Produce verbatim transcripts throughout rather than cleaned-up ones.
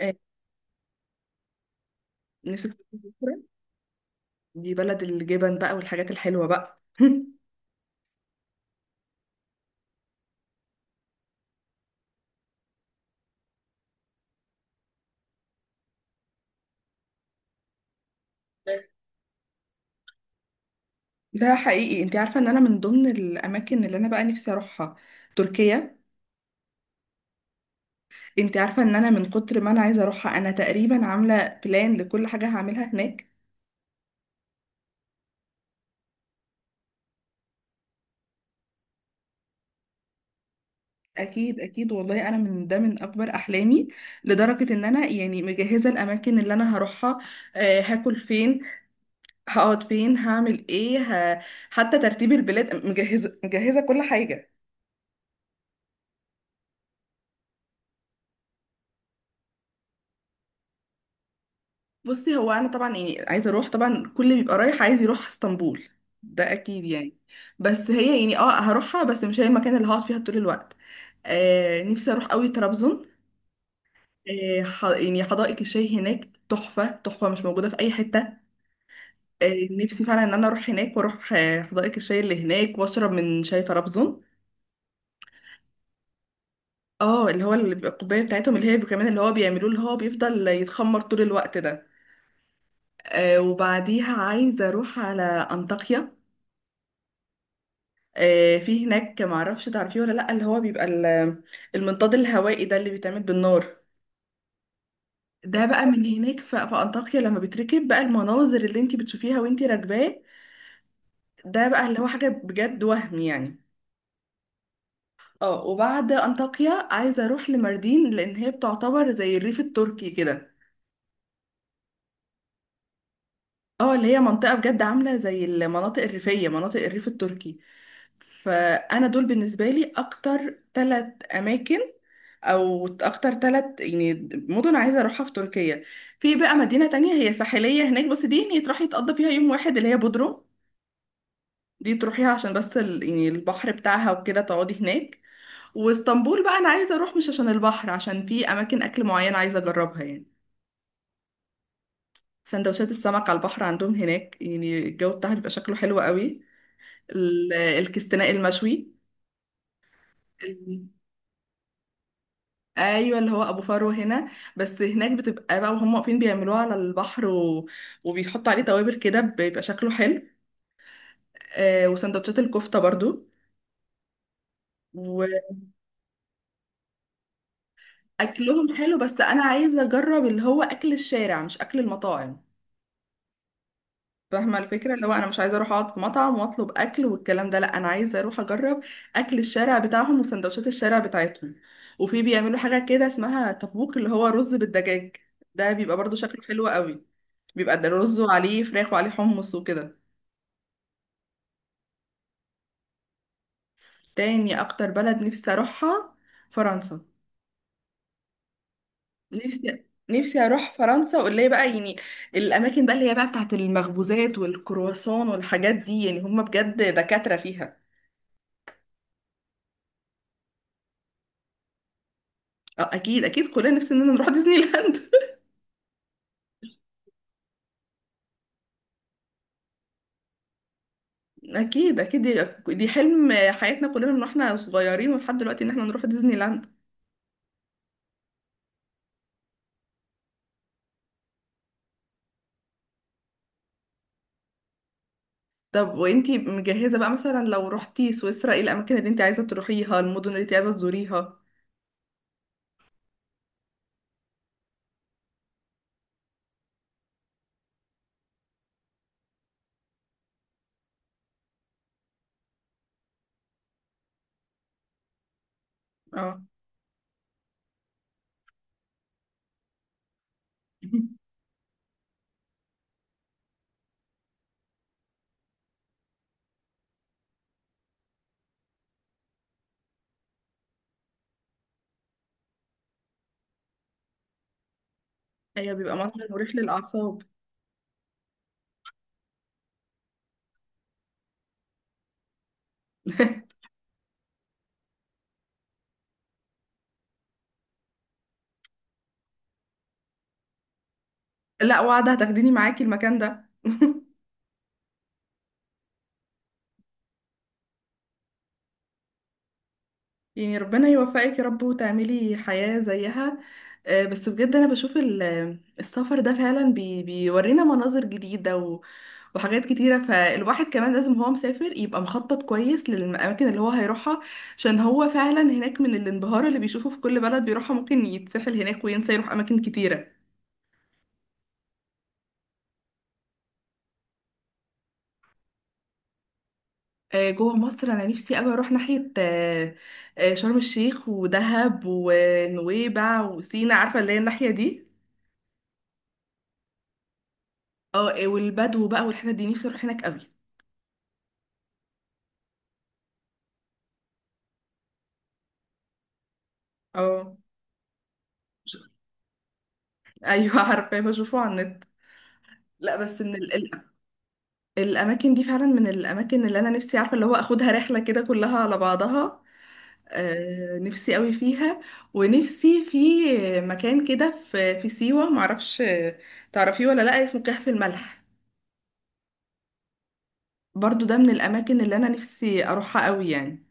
آه، نسيت بكرة. دي بلد الجبن بقى والحاجات الحلوة بقى ده حقيقي، انت عارفة ان انا من ضمن الاماكن اللي انا بقى نفسي اروحها تركيا. انت عارفة ان انا من كتر ما انا عايزة اروحها انا تقريبا عاملة بلان لكل حاجة هعملها هناك. اكيد اكيد والله انا من ده من اكبر احلامي، لدرجة ان انا يعني مجهزة الاماكن اللي انا هروحها. آه هاكل فين، هقعد فين، هعمل ايه. ه... حتى ترتيب البلاد مجهزة مجهزة كل حاجة. بصي، هو انا طبعا يعني عايزه اروح طبعا، كل اللي بيبقى رايح عايز يروح اسطنبول، ده اكيد يعني. بس هي يعني اه هروحها بس مش هي المكان اللي هقعد فيها طول الوقت. آه نفسي اروح قوي طرابزون. آه ح- يعني حدائق الشاي هناك تحفه تحفه مش موجوده في اي حته. آه نفسي فعلا ان انا اروح هناك واروح آه حدائق الشاي اللي هناك واشرب من شاي طرابزون. اه، اللي هو اللي بيبقى الكوبايه بتاعتهم اللي هي كمان اللي هو بيعملوه اللي هو بيفضل يتخمر طول الوقت ده. آه وبعديها عايزه اروح على انطاكيا. آه، في هناك، معرفش تعرفيه ولا لأ، اللي هو بيبقى ال- المنطاد الهوائي ده اللي بيتعمل بالنار. ده بقى من هناك، ف- في أنطاكيا، لما بتركب بقى المناظر اللي انتي بتشوفيها وانتي راكباه ده بقى اللي هو حاجة بجد وهم يعني. اه، وبعد أنطاكيا عايزة أروح لماردين لأن هي بتعتبر زي الريف التركي كده. اه، اللي هي منطقة بجد عاملة زي المناطق الريفية، مناطق الريف التركي. فأنا دول بالنسبة لي أكتر ثلاث أماكن، او اكتر ثلاث يعني مدن عايزه اروحها في تركيا. في بقى مدينه تانية هي ساحليه هناك، بس دي يعني تروحي تقضي فيها يوم واحد، اللي هي بودرو. دي تروحيها عشان بس ال... يعني البحر بتاعها وكده تقعدي هناك. واسطنبول بقى انا عايزه اروح مش عشان البحر، عشان في اماكن اكل معين عايزه اجربها يعني. سندوتشات السمك على البحر عندهم هناك، يعني الجو بتاعها بيبقى شكله حلو قوي. ال- الكستناء المشوي. ايوه، اللي هو ابو فرو هنا. بس هناك بتبقى بقى وهم واقفين بيعملوها على البحر و... وبيحطوا عليه توابل كده بيبقى شكله حلو. آه وسندوتشات الكفته برضو. واكلهم حلو، بس انا عايزه اجرب اللي هو اكل الشارع مش اكل المطاعم. فاهمة الفكرة، اللي هو أنا مش عايزة أروح أقعد في مطعم وأطلب أكل والكلام ده، لأ أنا عايزة أروح أجرب أكل الشارع بتاعهم وسندوتشات الشارع بتاعتهم. وفي بيعملوا حاجة كده اسمها تبوك، اللي هو رز بالدجاج، ده بيبقى برضو شكله حلو قوي. بيبقى ده رز وعليه فراخ وعليه حمص وكده. تاني أكتر بلد نفسي أروحها فرنسا. نفسي. نفسي أروح فرنسا، واللي هي بقى يعني الأماكن بقى اللي هي بقى بتاعت المخبوزات والكرواسون والحاجات دي، يعني هم بجد دكاترة فيها. اه، اكيد اكيد كلنا نفسنا إننا نروح ديزني لاند. اكيد اكيد، دي, دي حلم حياتنا كلنا من واحنا صغيرين ولحد دلوقتي ان احنا نروح ديزني لاند. طب وانتي مجهزة بقى مثلا لو رحتي سويسرا، ايه الاماكن اللي انتي عايزة تروحيها، المدن اللي انتي عايزة تزوريها؟ اه. ايوه، بيبقى منظر مريح للاعصاب. لا، وعد هتاخديني معاكي المكان ده. يعني ربنا يوفقك يا رب وتعملي حياة زيها. آه، بس بجد أنا بشوف ال- السفر ده فعلا بي بيورينا مناظر جديدة و وحاجات كتيرة. فالواحد كمان لازم هو مسافر يبقى مخطط كويس للأماكن اللي هو هيروحها، عشان هو فعلا هناك من الانبهار اللي بيشوفه في كل بلد بيروحها ممكن يتسحل هناك وينسى يروح أماكن كتيرة. آه، جوه مصر أنا نفسي أوي أروح ناحية آه، آه، شرم الشيخ ودهب ونويبع وسينا، عارفة اللي هي الناحية دي. اه، إيه، والبدو بقى والحتت دي نفسي اروح هناك قوي. اه، ايوه عارفه بشوفه على النت. لا بس من ال... ال- الاماكن دي فعلا من الاماكن اللي انا نفسي عارفه اللي هو اخدها رحله كده كلها على بعضها. آه نفسي قوي فيها، ونفسي في مكان كده في في سيوه، معرفش تعرفيه ولا لا، اسمه كهف الملح. برضو ده من الاماكن اللي انا نفسي اروحها قوي يعني.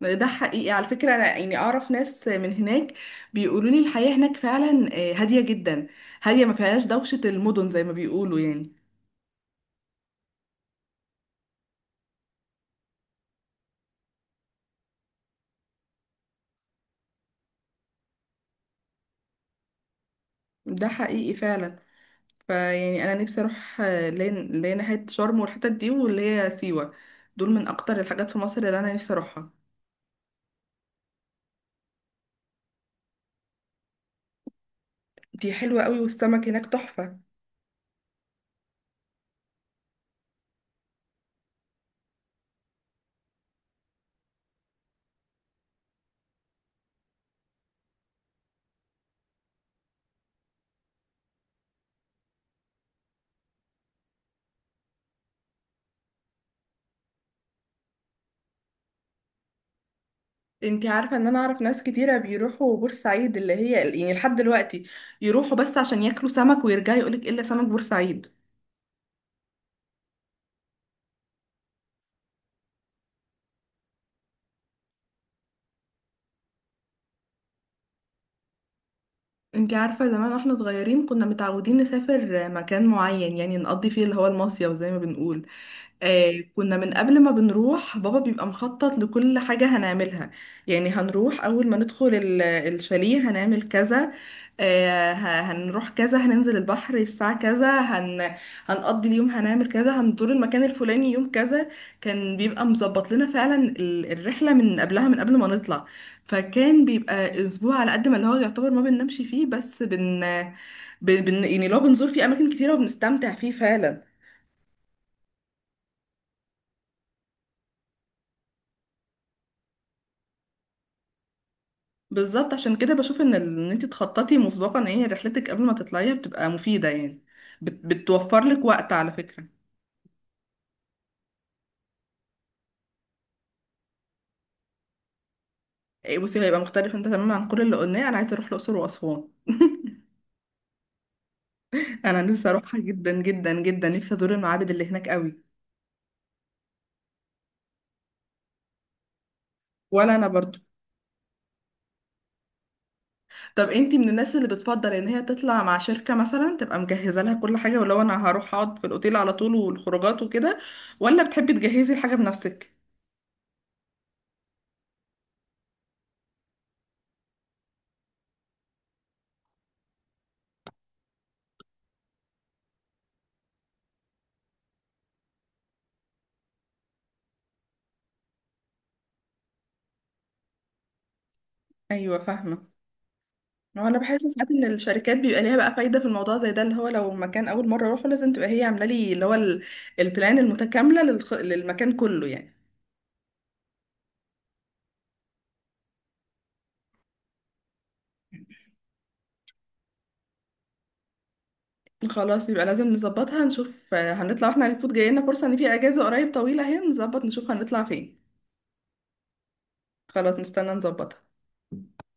ده حقيقي على فكرة، أنا يعني أعرف ناس من هناك بيقولوا لي الحياة هناك فعلا آه، هادية جدا، هادية ما فيهاش دوشة المدن زي ما بيقولوا يعني. ده حقيقي فعلا. فيعني أنا نفسي أروح آه، اللي هي اللي هي ناحية شرم والحتت دي واللي هي سيوة، دول من أكتر الحاجات في مصر اللي أنا نفسي أروحها. دي حلوة قوي والسمك هناك تحفة. انتي عارفة ان انا اعرف ناس كتيرة بيروحوا بورسعيد، اللي هي يعني لحد دلوقتي يروحوا بس عشان ياكلوا سمك ويرجعوا يقولك إيه الا سمك بورسعيد. انت عارفة زمان واحنا صغيرين كنا متعودين نسافر مكان معين يعني نقضي فيه اللي هو المصيف، زي ما بنقول. آه كنا من قبل ما بنروح بابا بيبقى مخطط لكل حاجة هنعملها. يعني هنروح أول ما ندخل ال- الشاليه هنعمل كذا، آه ه- هنروح كذا، هننزل البحر الساعة كذا، هن هنقضي اليوم هنعمل كذا، هنزور المكان الفلاني يوم كذا. كان بيبقى مظبط لنا فعلا ال- الرحلة من قبلها، من قبل ما نطلع. فكان بيبقى أسبوع على قد ما اللي هو يعتبر ما بننامش فيه، بس بن, بن بن- يعني لو بنزور فيه أماكن كتيرة وبنستمتع فيه فعلا. بالظبط، عشان كده بشوف ان ال- ان انت تخططي مسبقا ايه هي رحلتك قبل ما تطلعيها بتبقى مفيده يعني، بت... بتوفر لك وقت على فكره. إيه بصي، هيبقى مختلف انت تماما عن كل اللي قلناه، انا عايزه اروح الاقصر واسوان. انا نفسي اروحها جدا جدا جدا، نفسي ازور المعابد اللي هناك قوي. ولا انا برضو. طب انت من الناس اللي بتفضل ان هي تطلع مع شركه مثلا تبقى مجهزه لها كل حاجه، ولو انا هروح اقعد في الاوتيل على طول والخروجات وكده، ولا بتحبي تجهزي الحاجه بنفسك؟ ايوه فاهمه. ما هو انا بحس ساعات ان الشركات بيبقى ليها بقى فايده في الموضوع زي ده، اللي هو لو مكان اول مره اروحه لازم تبقى هي عامله لي اللي هو ال- البلان المتكامله للخ... للمكان كله يعني. خلاص يبقى لازم نظبطها، نشوف آه، هنطلع احنا المفروض، جاي لنا فرصه ان في اجازه قريب طويله اهي، نظبط نشوف هنطلع فين. خلاص نستنى نظبطها.